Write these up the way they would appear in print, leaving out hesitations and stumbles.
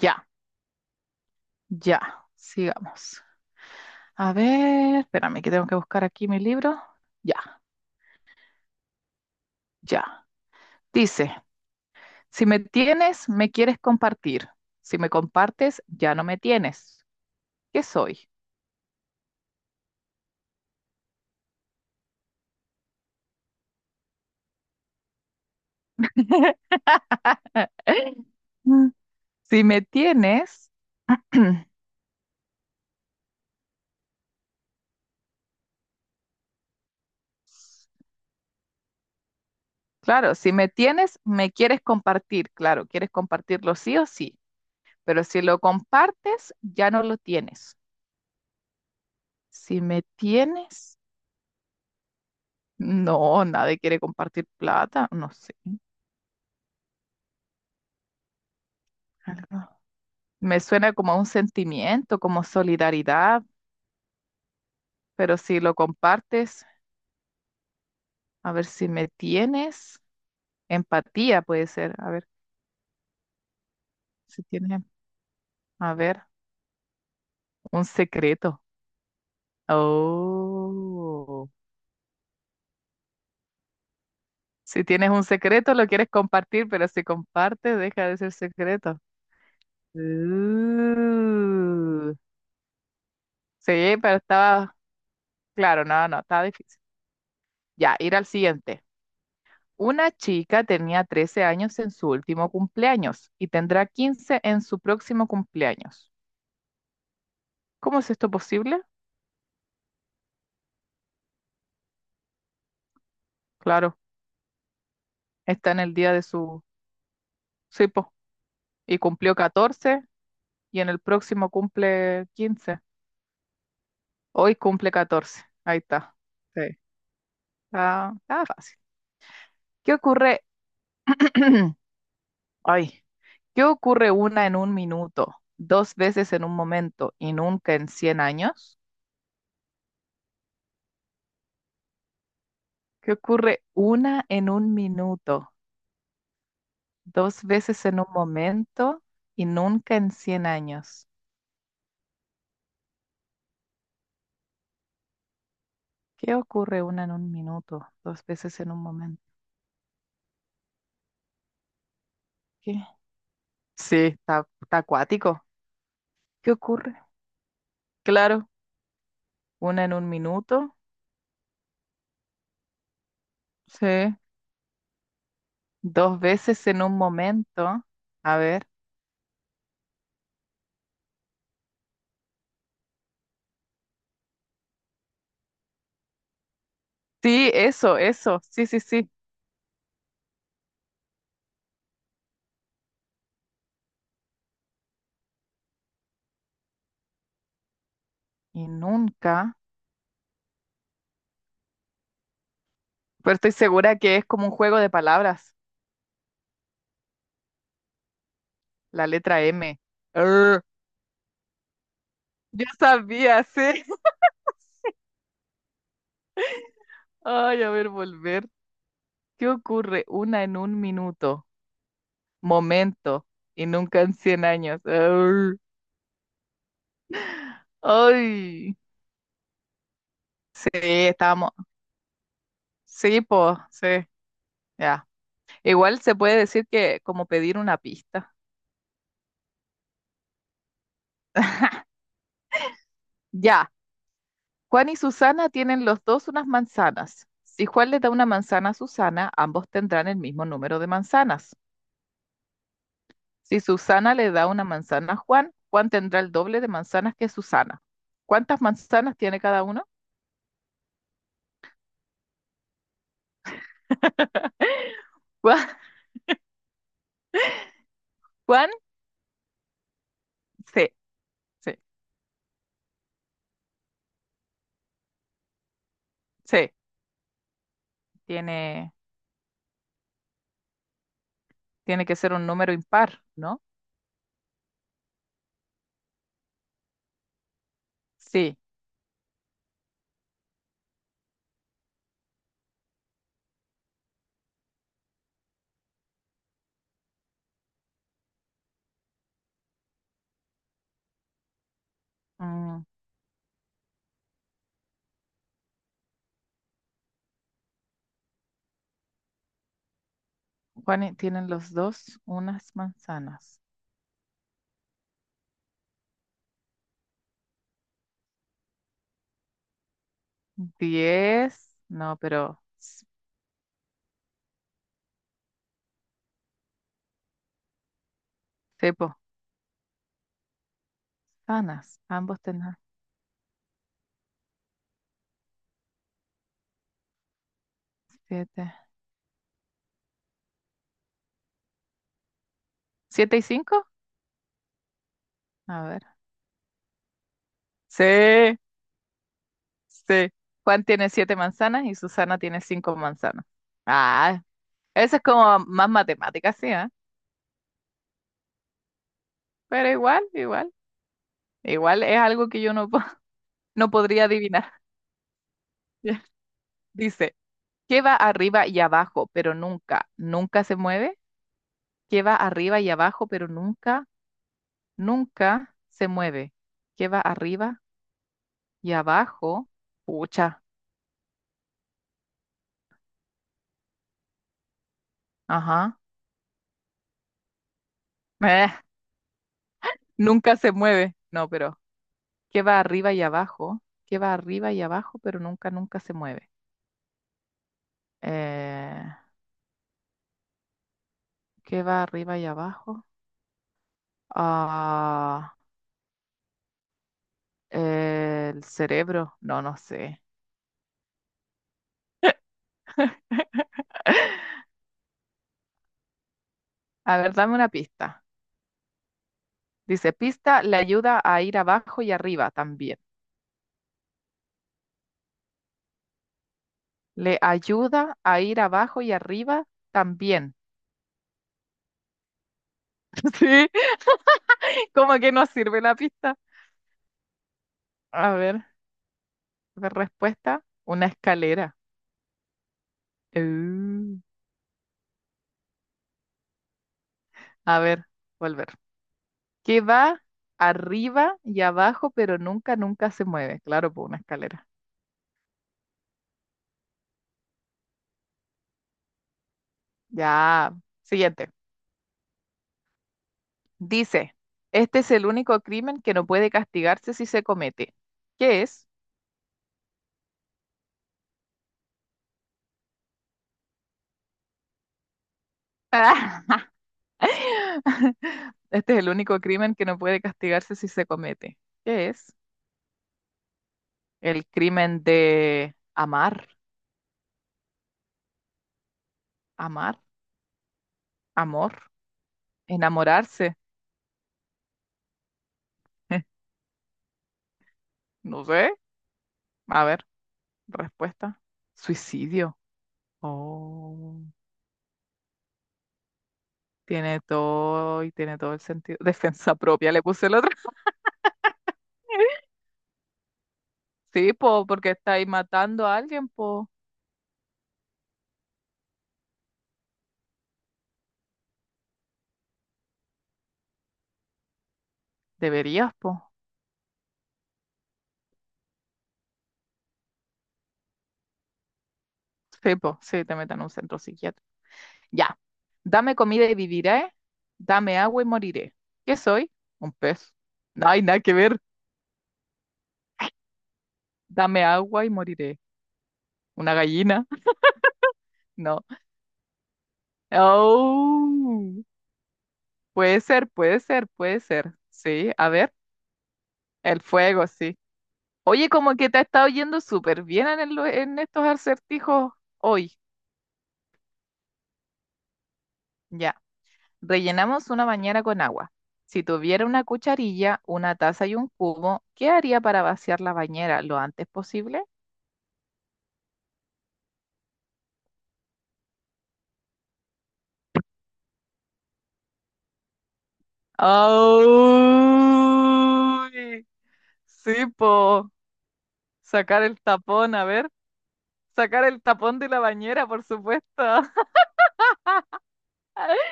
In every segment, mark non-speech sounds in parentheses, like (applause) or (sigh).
Ya, ya, sigamos. A ver, espérame que tengo que buscar aquí mi libro. Ya, ya. Dice, si me tienes, me quieres compartir. Si me compartes, ya no me tienes. ¿Qué soy? (laughs) Mm. Si me tienes, (clears throat) claro, si me tienes, me quieres compartir. Claro, quieres compartirlo sí o sí, pero si lo compartes, ya no lo tienes. Si me tienes, no, nadie quiere compartir plata, no sé. Algo. Me suena como a un sentimiento, como solidaridad, pero si lo compartes, a ver si me tienes empatía, puede ser. A ver, si tienes, a ver, un secreto. Oh, si tienes un secreto, lo quieres compartir, pero si compartes, deja de ser secreto. Uh, sí, pero estaba, claro, no, no, estaba difícil. Ya, ir al siguiente. Una chica tenía 13 años en su último cumpleaños y tendrá 15 en su próximo cumpleaños. ¿Cómo es esto posible? Claro, está en el día de su... Sí, po, y cumplió 14 y en el próximo cumple 15. Hoy cumple 14. Ahí está. Sí. Ah, ah, fácil. ¿Qué ocurre? (clears throat) Ay, ¿qué ocurre una en un minuto, dos veces en un momento y nunca en 100 años? ¿Qué ocurre una en un minuto? Dos veces en un momento y nunca en 100 años. ¿Qué ocurre una en un minuto? Dos veces en un momento. ¿Qué? Sí, está, está acuático. ¿Qué ocurre? Claro, una en un minuto. Sí. Dos veces en un momento. A ver. Sí, eso, eso. Sí, sí, sí. Y nunca. Pero estoy segura que es como un juego de palabras. La letra M. Arr. Yo sabía, sí. (laughs) Ay, a ver, volver. ¿Qué ocurre una en un minuto? Momento y nunca en 100 años. Arr. Ay, sí, estamos. Sí, pues, sí, ya. Igual se puede decir que como pedir una pista. Ya, Juan y Susana tienen los dos unas manzanas. Si Juan le da una manzana a Susana, ambos tendrán el mismo número de manzanas. Si Susana le da una manzana a Juan, Juan tendrá el doble de manzanas que Susana. ¿Cuántas manzanas tiene cada uno? (laughs) Juan, Juan, sí, sí, sí, tiene Tiene que ser un número impar, ¿no? Sí. Mm, Juan, tienen los dos unas manzanas. 10, no, pero sí, po, sanas. Ambos tienen siete. ¿Siete y cinco? A ver. Sí, sí. Juan tiene siete manzanas y Susana tiene cinco manzanas. Ah, eso es como más matemática, sí, ¿eh? Pero igual, igual. Igual es algo que yo no, po- (laughs) no podría adivinar. (laughs) Dice. ¿Qué va arriba y abajo, pero nunca, nunca se mueve? ¿Qué va arriba y abajo, pero nunca, nunca se mueve? ¿Qué va arriba y abajo? Pucha, ajá. Eh, nunca se mueve. No, pero ¿qué va arriba y abajo? ¿Qué va arriba y abajo, pero nunca, nunca se mueve? Eh, ¿Qué va arriba y abajo? Ah, el cerebro. No, no sé. A ver, dame una pista. Dice, pista le ayuda a ir abajo y arriba también. Le ayuda a ir abajo y arriba también. (laughs) ¿Sí? Como que no sirve la pista. A ver, la respuesta, una escalera. Uh, A ver, volver. Que va arriba y abajo, pero nunca, nunca se mueve. Claro, por una escalera. Ya. Siguiente. Dice, este es el único crimen que no puede castigarse si se comete. ¿Qué es? (laughs) Este es el único crimen que no puede castigarse si se comete. ¿Qué es? El crimen de amar, amar, amor, enamorarse. (laughs) No sé. A ver, respuesta. Suicidio. Oh, tiene todo y tiene todo el sentido. (laughs) Defensa propia, le puse el otro. (laughs) Sí, po, porque estáis matando a alguien, po. Deberías, po. Sí, po, sí, te metan en un centro psiquiátrico. Ya. Dame comida y viviré. Dame agua y moriré. ¿Qué soy? Un pez. No hay nada que ver. Dame agua y moriré. Una gallina. No. Oh, puede ser, puede ser, puede ser. Sí, a ver, el fuego, sí. Oye, como que te ha estado yendo súper bien en, en estos acertijos hoy. Ya. Rellenamos una bañera con agua. Si tuviera una cucharilla, una taza y un cubo, ¿qué haría para vaciar la bañera lo antes posible? ¡Oh! Sí, po. Sacar el tapón, a ver. Sacar el tapón de la bañera, por supuesto. (laughs)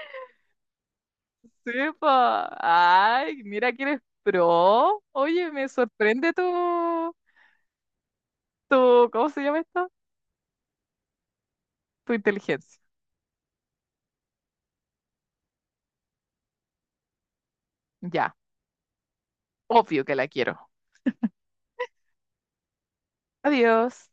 Sí, pa. Ay, mira que eres pro. Oye, me sorprende tu, ¿cómo se llama esto? Tu inteligencia. Ya, obvio que la quiero. Adiós.